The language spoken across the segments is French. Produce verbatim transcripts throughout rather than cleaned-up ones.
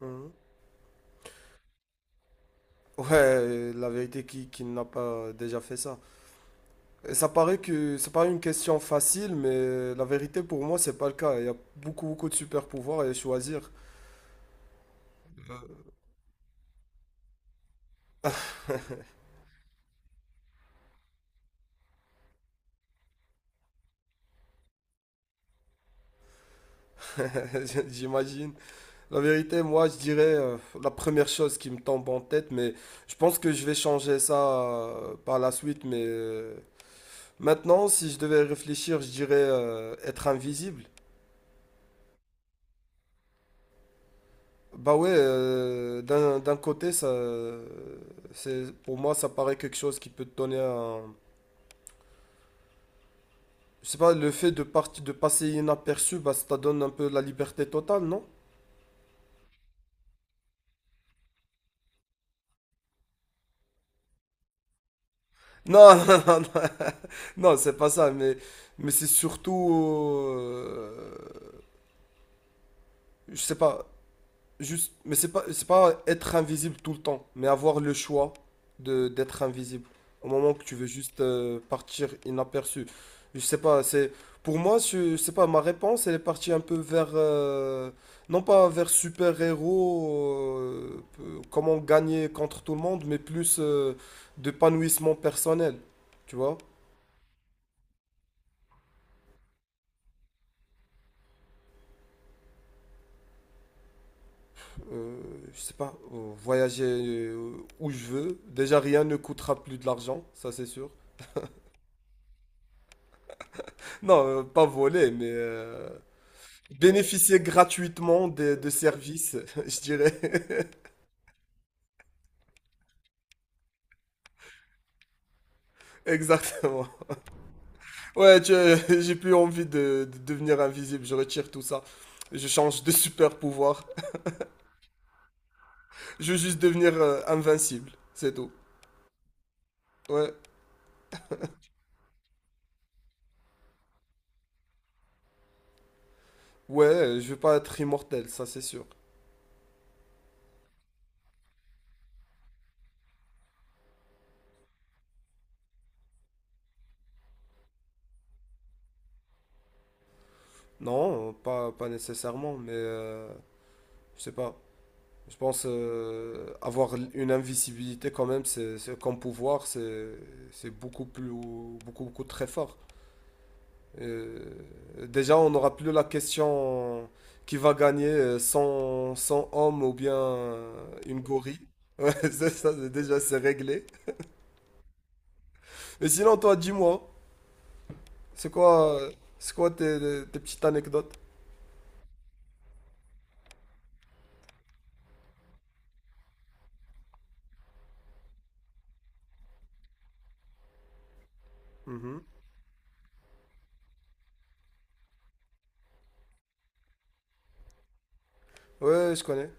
Mhm. Ouais, la vérité, qui, qui n'a pas déjà fait ça? Et Ça paraît que ça paraît une question facile, mais la vérité pour moi, c'est pas le cas. Il y a beaucoup, beaucoup de super pouvoirs à choisir. J'imagine. La vérité, moi, je dirais euh, la première chose qui me tombe en tête, mais je pense que je vais changer ça euh, par la suite. Mais euh, maintenant, si je devais réfléchir, je dirais euh, être invisible. Bah ouais, euh, d'un d'un côté, ça, c'est, pour moi, ça paraît quelque chose qui peut te donner un... Je sais pas, le fait de, parti- de passer inaperçu, bah, ça te donne un peu la liberté totale, non? Non, non, non, non, non, c'est pas ça, mais, mais c'est surtout... euh, je sais pas, juste, mais c'est pas, c'est pas être invisible tout le temps, mais avoir le choix de d'être invisible au moment que tu veux juste euh, partir inaperçu. Je sais pas, c'est pour moi, je, je sais pas, ma réponse elle est partie un peu vers euh, non pas vers super-héros, euh, euh, comment gagner contre tout le monde, mais plus euh, d'épanouissement personnel. Tu vois. Euh, je sais pas, euh, voyager euh, où je veux. Déjà, rien ne coûtera plus de l'argent, ça c'est sûr. Non, euh, pas voler, mais euh, bénéficier gratuitement des, de services, je dirais. Exactement. Ouais, tu- j'ai plus envie de, de devenir invisible. Je retire tout ça. Je change de super pouvoir. Je veux juste devenir euh, invincible. C'est tout. Ouais. Ouais, je veux pas être immortel, ça c'est sûr. Non, pas, pas nécessairement, mais euh, je sais pas. Je pense euh, avoir une invisibilité quand même, c'est, c'est- comme pouvoir, c'est, c'est beaucoup plus, beaucoup, beaucoup très fort. Euh, déjà, on n'aura plus la question qui va gagner euh, cent 100 hommes ou bien euh, une gorille. Ouais, c'est ça, c'est- déjà, c'est réglé. Mais sinon, toi, dis-moi, c'est quoi, euh, c'est quoi tes, tes petites anecdotes? Mhm. Ouais, je connais.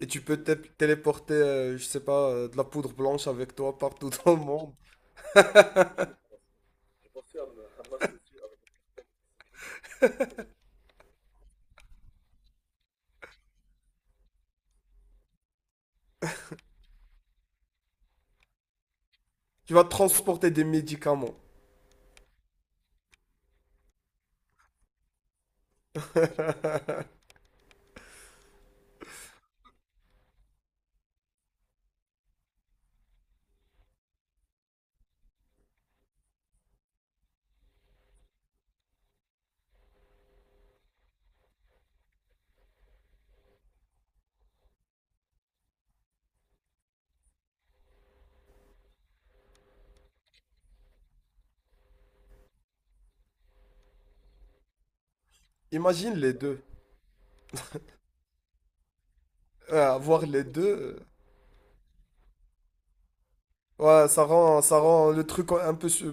Et tu peux te- téléporter, euh, je sais pas, euh, de la poudre blanche avec toi partout dans le monde. Tu vas transporter des médicaments. Imagine les deux. Ouais, avoir les deux. euh, Ouais, ça rend, ça rend le truc un peu su-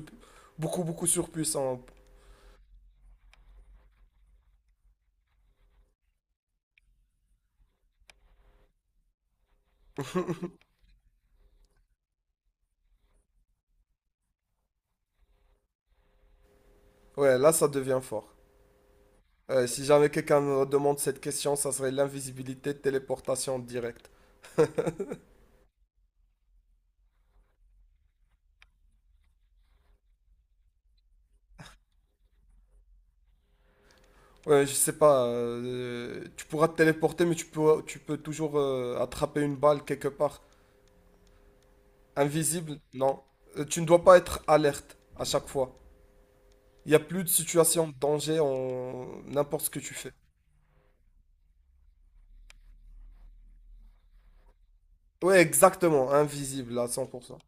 beaucoup, beaucoup surpuissant. Ouais, là, ça devient fort. Euh, si jamais quelqu'un me demande cette question, ça serait l'invisibilité, téléportation directe. Ouais, je sais pas. Euh, tu pourras te téléporter, mais tu peux, tu peux toujours euh, attraper une balle quelque part. Invisible, non. Euh, tu ne dois pas être alerte à chaque fois. Il n'y a plus de situation de danger en n'importe ce que tu fais. Ouais, exactement, invisible à cent pour cent.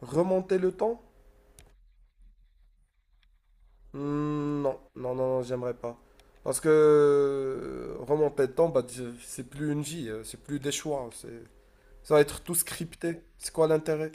Remonter le temps? Hmm, non, non, non, non, j'aimerais pas. Parce que euh, remonter le temps, bah, je- c'est plus une vie, euh, c'est plus des choix, c'est ça va être tout scripté. C'est quoi l'intérêt?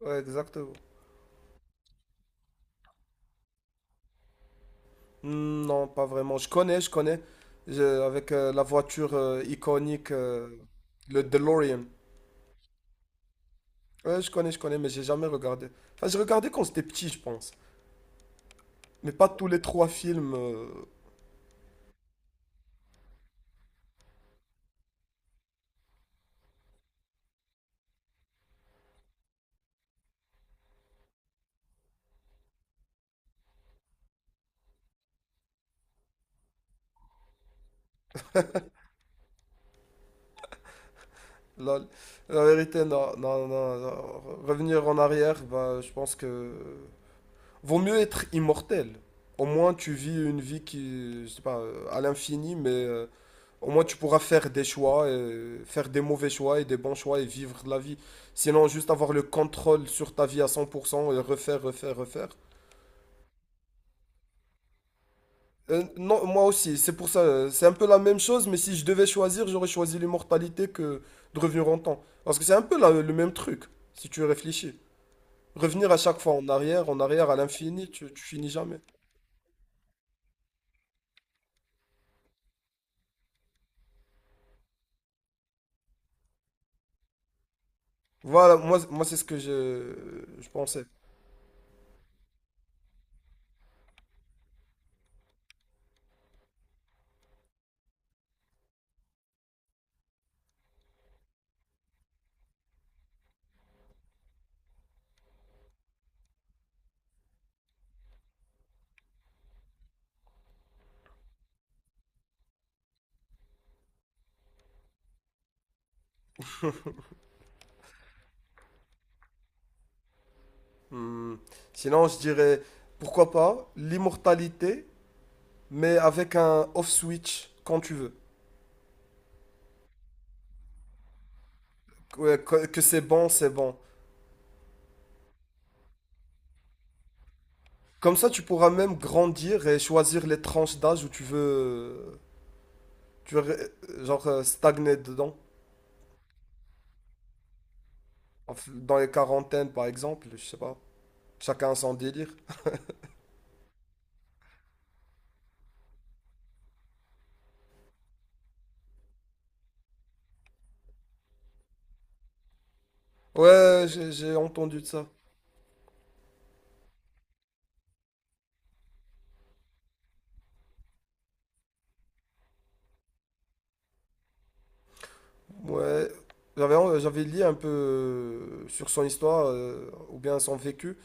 Ouais, exactement. Hmm, non, pas vraiment. Je connais, je connais. Je- avec euh, la voiture euh, iconique, euh, le DeLorean. Ouais, je connais, je connais, mais j'ai jamais regardé. Enfin, j'ai regardé quand j'étais petit, je pense. Mais pas tous les trois films. euh, la, la vérité, non, non, non, non. Revenir en arrière, bah, je pense que vaut mieux être immortel. Au moins, tu vis une vie qui, je sais pas, euh, à l'infini, mais euh, au moins tu pourras faire des choix, et faire des mauvais choix et des bons choix et vivre la vie. Sinon, juste avoir le contrôle sur ta vie à cent pour cent et refaire, refaire, refaire. Euh, non, moi aussi, c'est pour ça, euh, c'est un peu la même chose, mais si je devais choisir, j'aurais choisi l'immortalité que de revenir en temps. Parce que c'est un peu la- le même truc, si tu réfléchis. Revenir à chaque fois en arrière, en arrière, à l'infini, tu, tu finis jamais. Voilà, moi, moi c'est ce que je, je pensais. Hmm. Sinon, je dirais, pourquoi pas l'immortalité, mais avec un off-switch quand tu veux. Ouais, que que c'est bon, c'est bon. Comme ça, tu pourras même grandir et choisir les tranches d'âge où tu veux, euh, tu veux, euh, genre, euh, stagner dedans. En f- Dans les quarantaines, par exemple, je sais pas. Chacun son délire. Ouais, j'ai j'ai entendu de ça. Ouais, j'avais euh, j'avais lu un peu euh, sur son histoire euh, ou bien son vécu.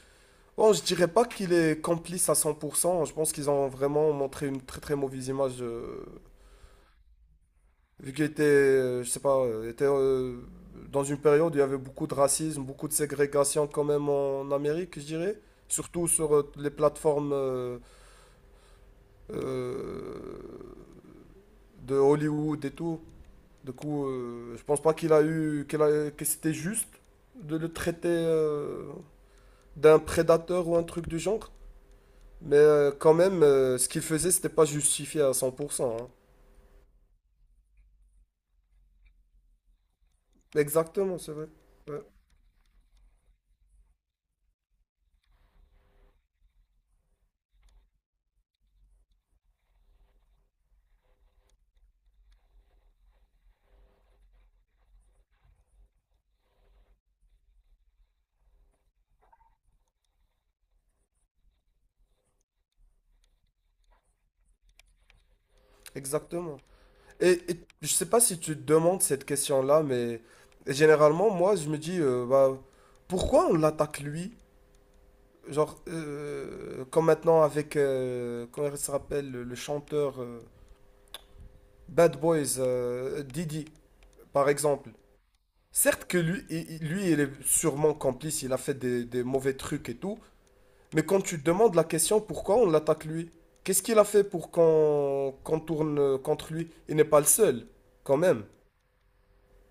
Bon, je dirais pas qu'il est complice à cent pour cent. Je pense qu'ils ont vraiment montré une très très mauvaise image. Euh, vu qu'il était, euh, je sais pas, euh, était euh, dans une période où il y avait beaucoup de racisme, beaucoup de ségrégation quand même en Amérique, je dirais. Surtout sur euh, les plateformes euh, euh, de Hollywood et tout. Du coup, euh, je pense pas qu'il a eu, qu'il a- que c'était juste de le traiter euh, d'un prédateur ou un truc du genre. Mais euh, quand même, euh, ce qu'il faisait, c'était pas justifié à cent pour cent, hein. Exactement, c'est vrai. Ouais, exactement. Et, et je sais pas si tu te demandes cette question-là, mais généralement, moi, je me dis, euh, bah, pourquoi on l'attaque lui? Genre, euh, comme maintenant avec, euh, comment il se rappelle, le, le chanteur euh, Bad Boys, euh, Didi, par exemple. Certes que lui, il- il- lui, il est sûrement complice, il a fait des, des mauvais trucs et tout. Mais quand tu te demandes la question pourquoi on l'attaque lui, qu'est-ce qu'il a fait pour qu'on qu'on tourne euh, contre lui? Il n'est pas le seul, quand même.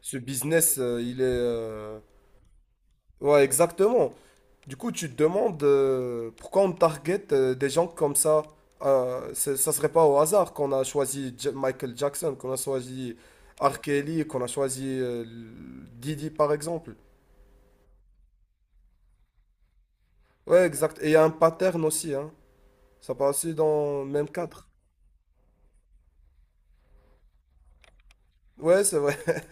Ce business, euh, il est... euh, Ouais, exactement. Du coup, tu te demandes euh, pourquoi on target euh, des gens comme ça. Euh, c'est- ça serait pas au hasard qu'on a choisi Ja- Michael Jackson, qu'on a choisi R. Kelly, qu'on a choisi euh, Didi, par exemple. Ouais, exact. Et il y a un pattern aussi, hein. Ça passe aussi dans le même cadre. Ouais, c'est vrai.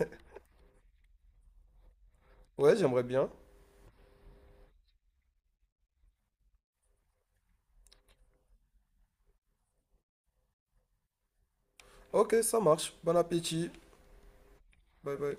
Ouais, j'aimerais bien. Ok, ça marche. Bon appétit. Bye bye.